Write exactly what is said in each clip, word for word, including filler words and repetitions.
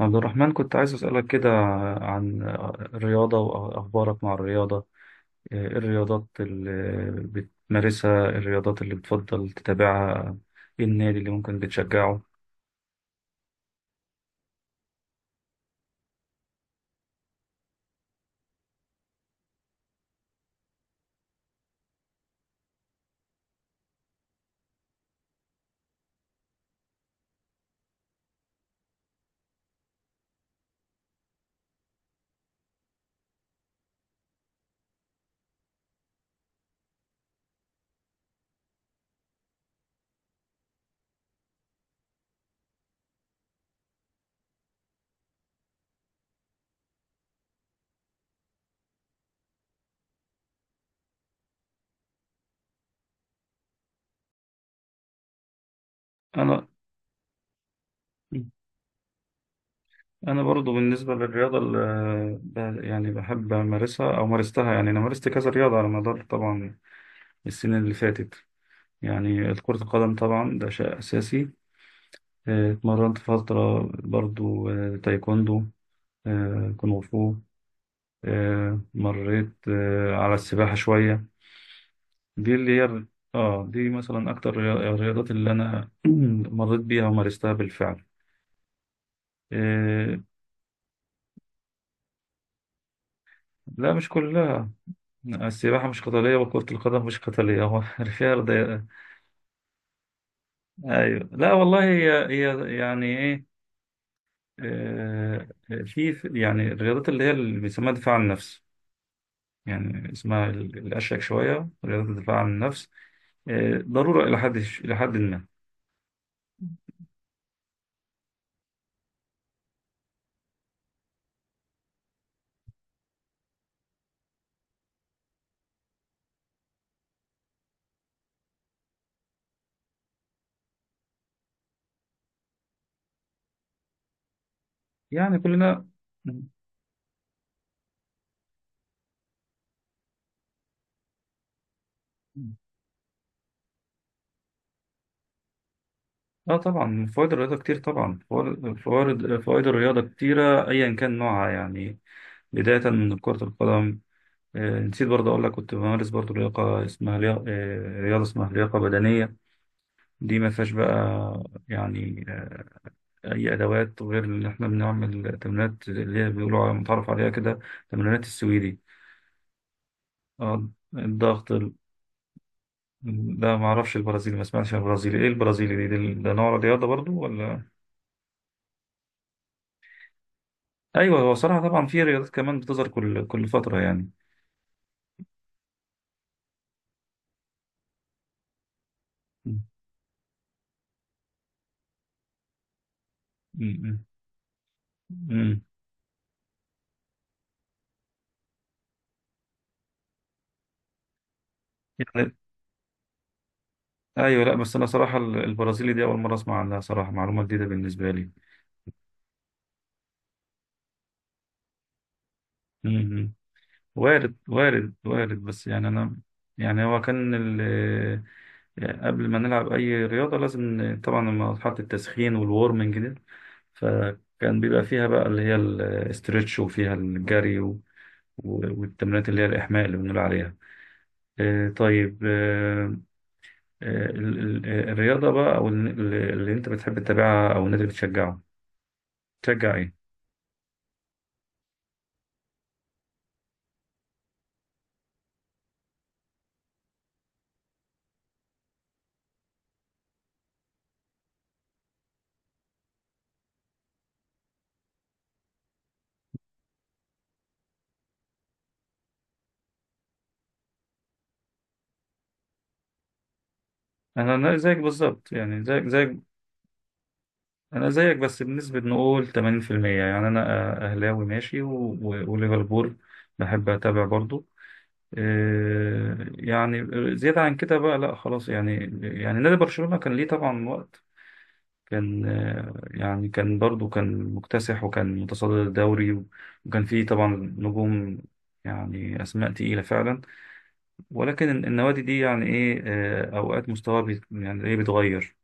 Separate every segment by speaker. Speaker 1: عبد الرحمن، كنت عايز أسألك كده عن الرياضة وأخبارك مع الرياضة. إيه الرياضات اللي بتمارسها؟ الرياضات اللي بتفضل تتابعها؟ إيه النادي اللي ممكن بتشجعه؟ أنا أنا برضو بالنسبة للرياضة اللي ب- يعني بحب أمارسها أو مارستها. يعني أنا مارست كذا رياضة على مدار طبعا السنين اللي فاتت. يعني كرة القدم طبعا ده شيء أساسي. إيه، اتمرنت فترة برضو آه، تايكوندو، آه، كونغ فو، آه، مريت آه، على السباحة شوية. دي اللي هي، اه، دي مثلا أكتر الريا- الرياضات اللي أنا مريت بيها ومارستها بالفعل. آه، لا مش كلها، السباحة مش قتالية وكرة القدم مش قتالية، هو فيها رضا- أيوة، لا والله، هي هي يعني إيه، آه، في في- يعني الرياضات اللي هي اللي بيسموها دفاع عن النفس. يعني اسمها ال- الأشيك شوية، رياضة الدفاع عن النفس. آه، ضرورة إلى حد إلى حد ما. يعني كلنا، اه طبعا، فوائد الرياضة كتير. طبعا فوائد فوائد فوائد الرياضة كتيرة أيا كان نوعها، يعني بداية من كرة القدم. آه، نسيت برضه أقول لك، كنت بمارس برضه لياقة، اسمها لياقة، آه، رياضة اسمها لياقة بدنية. دي ما فيهاش بقى، يعني آه، أي أدوات، غير إن إحنا بنعمل تمرينات اللي هي بيقولوا على- متعرف عليها كده، تمرينات السويدي، اه، الضغط ال- ده معرفش البرازيلي، ما سمعتش عن البرازيلي. إيه البرازيلي دي؟ ده ده نوع رياضة برضه، ولا؟ ايوه. هو صراحه طبعا في رياضات كمان بتظهر كل كل فتره، يعني. م- م- م. يعني ايوه، لا بس انا صراحه ال- البرازيلي دي اول مره اسمع عنها صراحه، معلومه جديده بالنسبه لي. م- م. وارد وارد وارد، بس يعني انا، يعني هو كان ال- قبل ما نلعب اي رياضه لازم ن- طبعا مرحله التسخين والورمنج دي، فكان بيبقى فيها بقى اللي هي الاسترتش، وفيها الجري، و- و- والتمرينات اللي هي الاحماء اللي بنقول عليها. آه، طيب. آه، آه، ال- ال- الرياضة بقى أو الن- اللي أنت بتحب تتابعها، أو النادي اللي بتشجعه، تشجع إيه؟ أنا أنا زيك بالظبط، يعني زيك زيك. أنا زيك، بس بنسبة نقول ثمانين في المية. يعني أنا أ- أهلاوي ماشي، و- و- وليفربول بحب أتابع برضو. إيه، يعني زيادة عن كده بقى لا، خلاص يعني. يعني نادي برشلونة كان ليه طبعا وقت، كان آه، يعني كان برضو كان مكتسح وكان متصدر الدوري، وكان فيه طبعا نجوم، يعني أسماء تقيلة فعلا. ولكن ال- النوادي دي يعني ايه، آه، اوقات مستواها بيت- يعني ايه، بيتغير.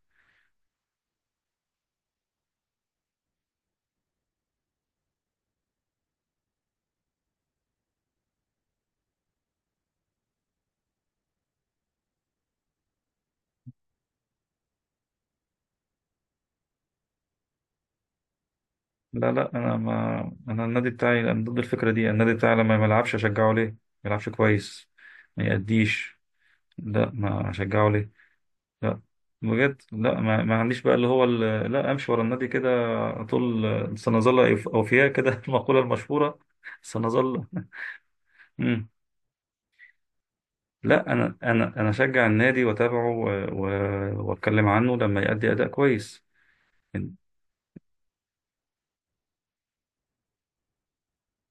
Speaker 1: لا لا، انا ما انا النادي بتاعي، انا ضد الفكره دي. النادي بتاعي لما ما يلعبش اشجعه ليه؟ ما يلعبش كويس، ما يأديش، لا، ما اشجعه ليه؟ لا، بجد. لا ما, ما عنديش بقى اللي هو ال- لا امشي ورا النادي كده طول، سنظل أوف- اوفياء كده المقوله المشهوره، سنظل مم. لا انا انا انا اشجع النادي واتابعه و- و- واتكلم عنه لما يأدي اداء كويس.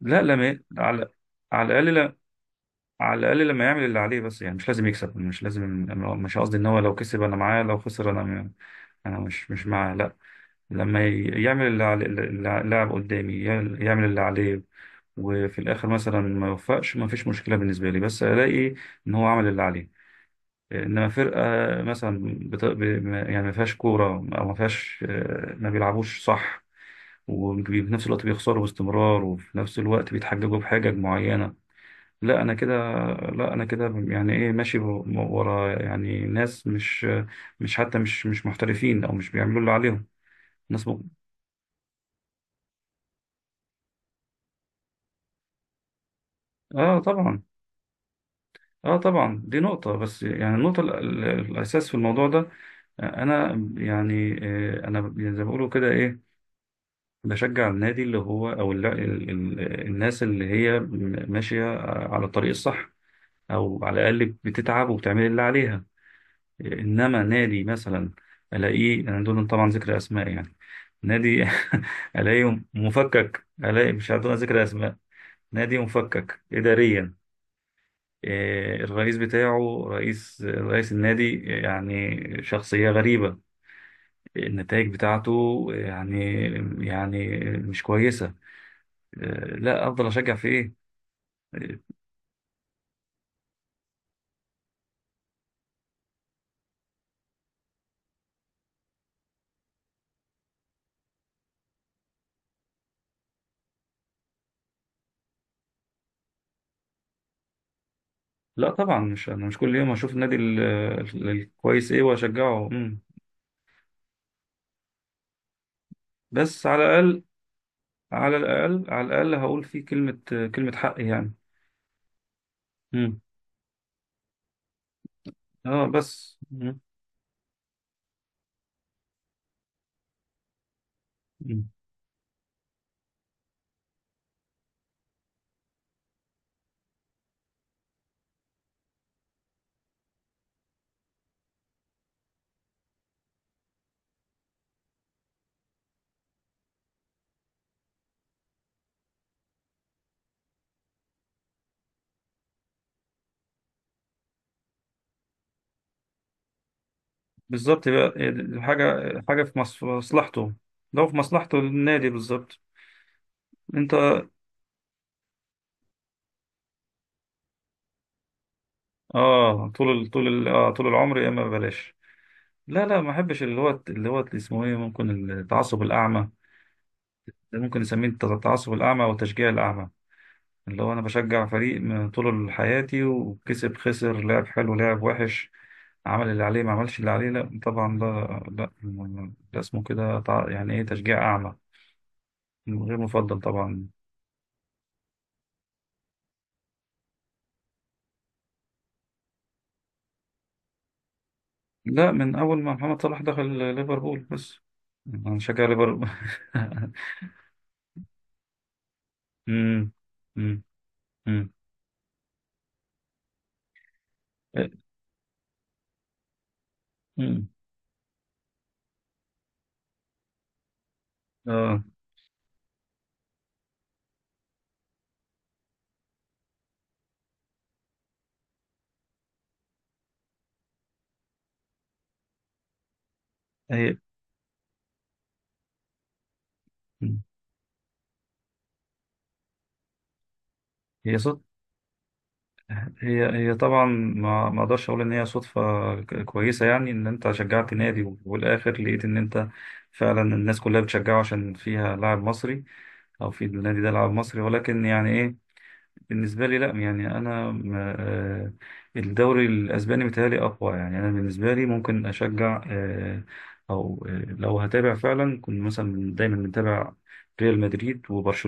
Speaker 1: لا، لما على، على الاقل، لا، على الاقل لما يعمل اللي عليه، بس يعني مش لازم يكسب، مش لازم. أنا مش قصدي ان هو لو كسب انا معاه، لو خسر انا م- انا مش مش معاه، لا. لما ي- يعمل اللي على اللي- اللاعب قدامي ي- يعمل اللي عليه، وفي الاخر مثلا ما يوفقش، ما فيش مشكله بالنسبه لي، بس الاقي ان هو عمل اللي عليه. انما فرقه مثلا بت... ب... ما- يعني ما فيهاش كوره، او ما فيهاش آه، ما بيلعبوش صح، وفي نفس الوقت بيخسروا باستمرار، وفي نفس الوقت بيتحججوا بحاجة معينة، لا انا كده. لا انا كده، يعني ايه، ماشي ب- ورا يعني ناس مش، مش حتى مش مش محترفين، او مش بيعملوا اللي عليهم، ناس مق... اه طبعا. اه طبعا دي نقطة، بس يعني النقطة ال- ال- الاساس في الموضوع ده، آه، انا يعني، آه، انا ب- زي ما بيقولوا كده، ايه، بشجع النادي اللي هو، او ال- ال- ال- الناس اللي هي ماشية على الطريق الصح، او على الاقل بتتعب وبتعمل اللي عليها. انما نادي مثلا الاقيه انا، دون طبعا ذكر اسماء، يعني نادي الاقيه مفكك، الاقي مش عارف، دون ذكر اسماء، نادي مفكك اداريا، إيه، الرئيس بتاعه، رئيس رئيس النادي، يعني شخصية غريبة، النتائج بتاعته يعني، يعني مش كويسة. إيه، لا أفضل أشجع في إيه؟ إيه، لا طبعا، مش أنا مش كل يوم أشوف النادي ال- ال- الكويس، إيه، وأشجعه. مم. بس على الأقل، على الأقل على الأقل هقول فيه كلمة، كلمة حق يعني. مم. اه بس. مم. مم. بالظبط، يبقى حاجة، حاجة في مص- في مصلحته، لو في مصلحته النادي، بالظبط. انت، اه، طول ال... طول ال... آه طول العمر، يا اما ببلاش. لا لا، ما احبش اللي هو، اللي هو اسمه ايه، ممكن التعصب الأعمى. ده ممكن نسميه التعصب الأعمى وتشجيع الأعمى، اللي هو انا بشجع فريق من طول حياتي، وكسب، خسر، لعب حلو، لعب وحش، عمل اللي عليه، ما عملش اللي عليه، لا طبعا، ده لا، ده اسمه كده تع- يعني ايه، تشجيع اعمى، غير مفضل طبعا. لا، من اول ما محمد صلاح دخل ليفربول بس انا بشجع ليفربول امم، امم، امم، امم اه، هي هي صوت هي هي طبعا، ما ما اقدرش اقول ان هي صدفه ك- كويسه، يعني ان انت شجعت نادي، والاخر لقيت ان انت فعلا الناس كلها بتشجعه عشان فيها لاعب مصري، او في النادي ده لاعب مصري. ولكن يعني ايه، بالنسبه لي لا، يعني انا ما- آه، الدوري الاسباني متهيألي اقوى، يعني انا بالنسبه لي ممكن اشجع آه، او آه، لو هتابع فعلا، كنت مثلا دايما متابع ريال مدريد وبرشلونه.